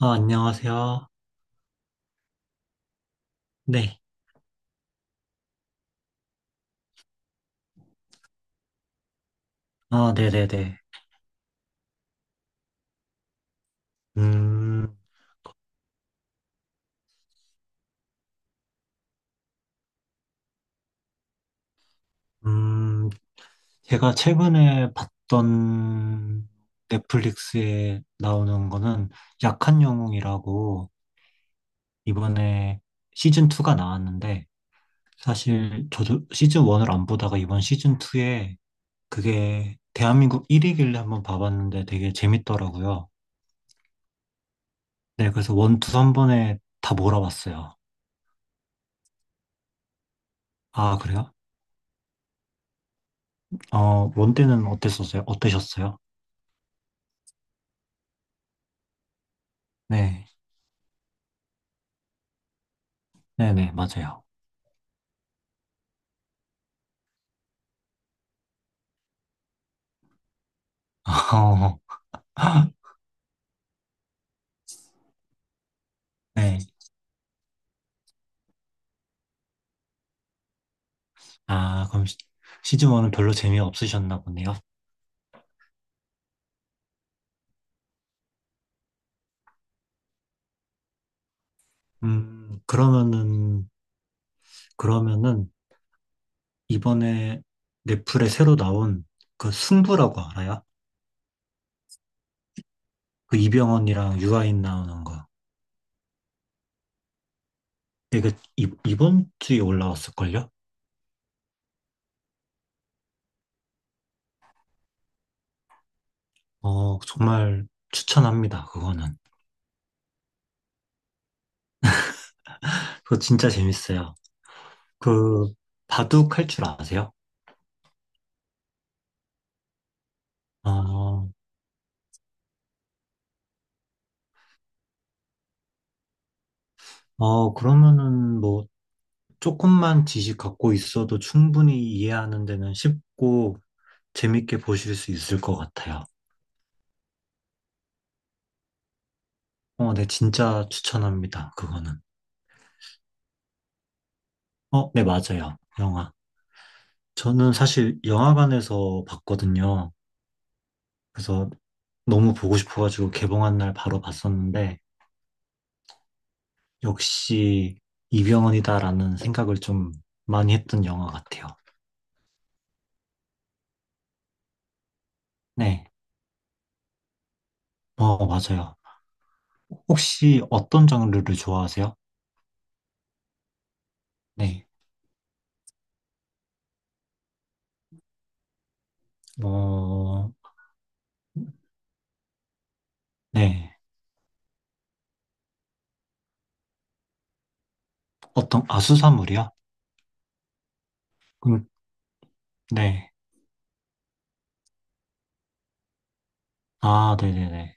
아, 안녕하세요. 네. 아, 네네네. 음, 음, 제가 최근에 봤던 넷플릭스에 나오는 거는 약한 영웅이라고 이번에 시즌2가 나왔는데, 사실 저도 시즌1을 안 보다가 이번 시즌2에 그게 대한민국 1위길래 한번 봐봤는데 되게 재밌더라고요. 네, 그래서 원투한 번에 다 몰아봤어요. 아, 그래요? 어, 원 때는 어땠었어요? 어떠셨어요? 네. 네네, 맞아요. 네. 아, 그럼 시즌 1은 별로 재미 없으셨나 보네요. 그러면은, 그러면은, 이번에 넷플에 새로 나온 그 승부라고 알아요? 그 이병헌이랑 유아인 나오는 거. 이게 이번 주에 올라왔을걸요? 어, 정말 추천합니다, 그거는. 그거 진짜 재밌어요. 그, 바둑 할 줄 아세요? 아, 어, 그러면은 뭐, 조금만 지식 갖고 있어도 충분히 이해하는 데는 쉽고 재밌게 보실 수 있을 것 같아요. 어, 네, 진짜 추천합니다. 그거는. 어, 네, 맞아요. 영화. 저는 사실 영화관에서 봤거든요. 그래서 너무 보고 싶어가지고 개봉한 날 바로 봤었는데 역시 이병헌이다라는 생각을 좀 많이 했던 영화 같아요. 네, 어, 맞아요. 혹시 어떤 장르를 좋아하세요? 네, 어, 네. 어떤, 아, 수사물이야? 그럼, 네. 아, 네네네.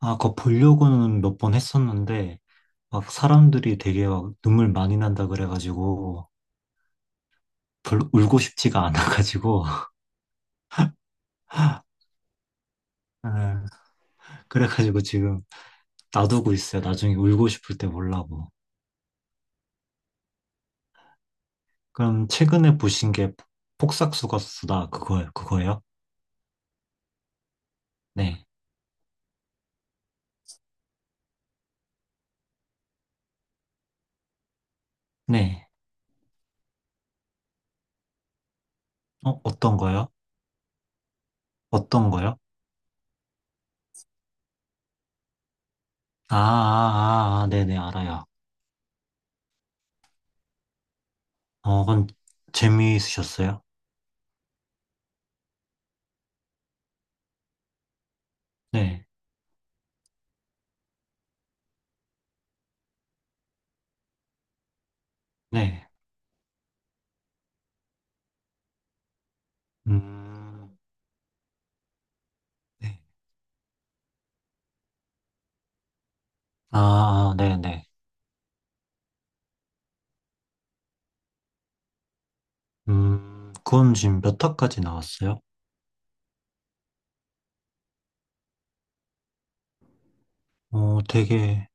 아, 그거 보려고는 몇 번 했었는데, 막 사람들이 되게 막 눈물 많이 난다 그래가지고, 별로 울고 싶지가 않아가지고, 아, 그래가지고 지금 놔두고 있어요. 나중에 울고 싶을 때 보려고. 그럼 최근에 보신 게 폭삭속았수다, 그거예요? 네. 네. 어, 어떤 거요? 어떤 거요? 아, 네네, 알아요. 어, 그건 재미있으셨어요? 네. 네. 음, 네. 아, 아, 네네. 그건 지금 몇 화까지 나왔어요? 어, 되게,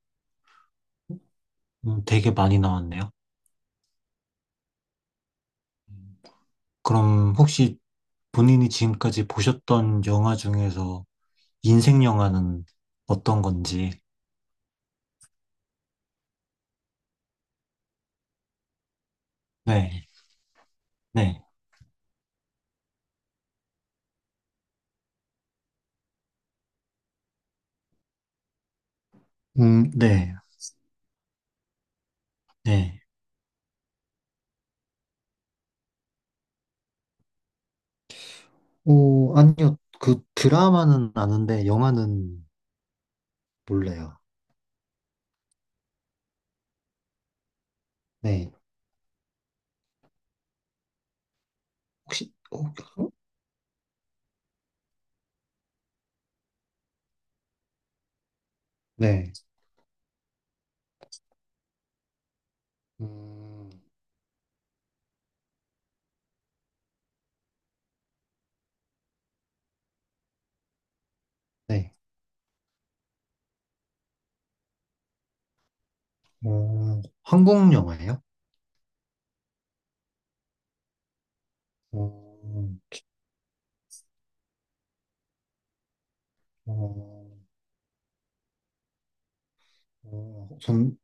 되게 많이 나왔네요. 음, 그럼 혹시 본인이 지금까지 보셨던 영화 중에서 인생 영화는 어떤 건지? 네, 네, 네, 네. 오, 아니요. 그 드라마는 아는데 영화는 몰라요. 네. 혹시, 어, 네. 음, 네. 어, 한국 영화예요? 어, 어, 어, 전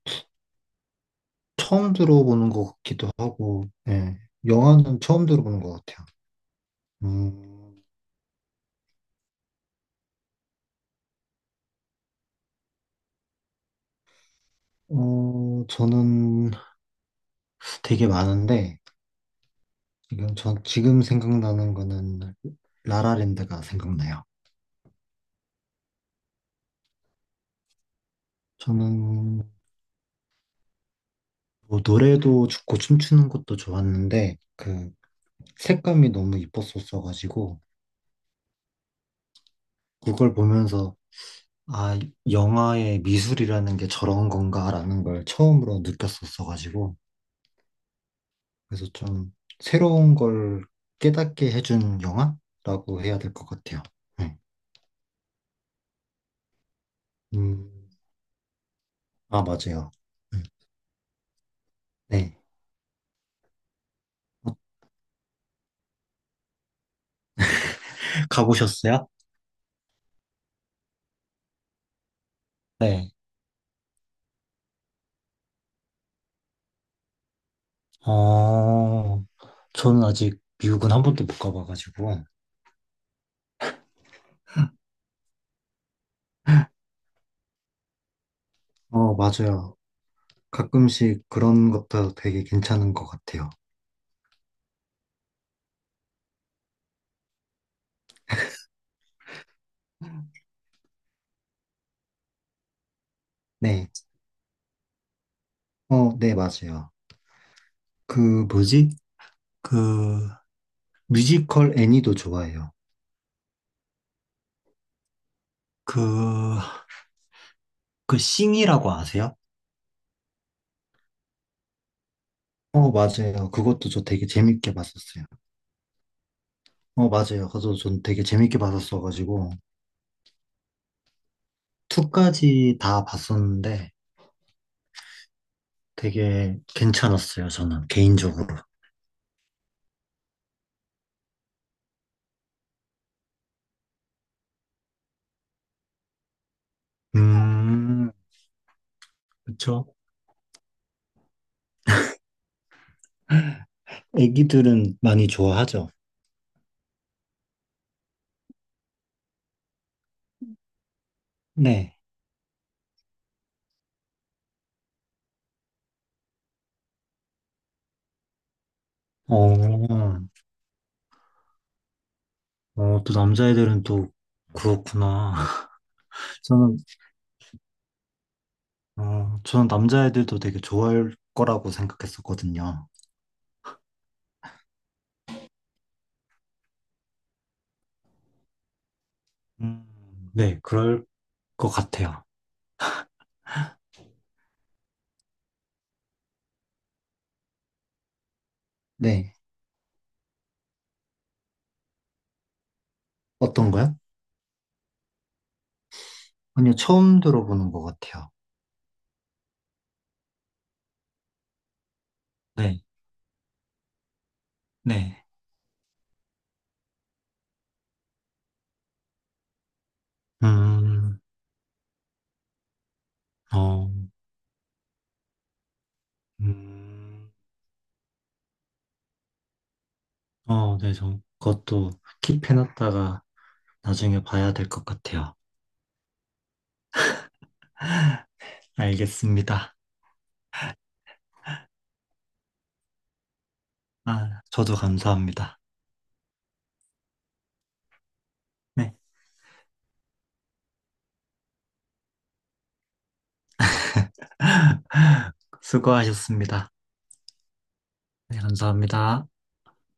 처음 들어보는 것 같기도 하고, 예. 영화는 처음 들어보는 것 같아요. 음, 어, 저는 되게 많은데, 전 지금 생각나는 거는 라라랜드가 생각나요. 저는 뭐 노래도 좋고 춤추는 것도 좋았는데, 그 색감이 너무 이뻤었어가지고, 그걸 보면서 아, 영화의 미술이라는 게 저런 건가라는 걸 처음으로 느꼈었어가지고, 그래서 좀 새로운 걸 깨닫게 해준 영화라고 해야 될 것 같아요. 네. 음, 아, 맞아요. 음, 네. 가보셨어요? 네. 어, 저는 아직 미국은 한 번도 못 가봐가지고, 어, 맞아요. 가끔씩 그런 것도 되게 괜찮은 것 같아요. 네. 어, 네, 맞아요. 그, 뭐지? 그, 뮤지컬 애니도 좋아해요. 그, 그 싱이라고 아세요? 어, 맞아요. 그것도 저 되게 재밌게 봤었어요. 어, 맞아요. 그래서 전 되게 재밌게 봤었어가지고, 2까지 다 봤었는데 되게 괜찮았어요. 저는 개인적으로. 음, 그쵸. 애기들은 많이 좋아하죠. 네. 어, 어, 또 남자애들은 또 그렇구나. 저는, 어, 저는 남자애들도 되게 좋아할 거라고 생각했었거든요. 음, 네, 그럴 것 같아요. 네. 어떤 거요? 아니요, 처음 들어보는 것 같아요. 네, 네. 음, 어, 음, 어, 네, 저 그것도 킵해놨다가 나중에 봐야 될 것 같아요. 알겠습니다. 아, 저도 감사합니다. 네, 수고하셨습니다. 네, 감사합니다.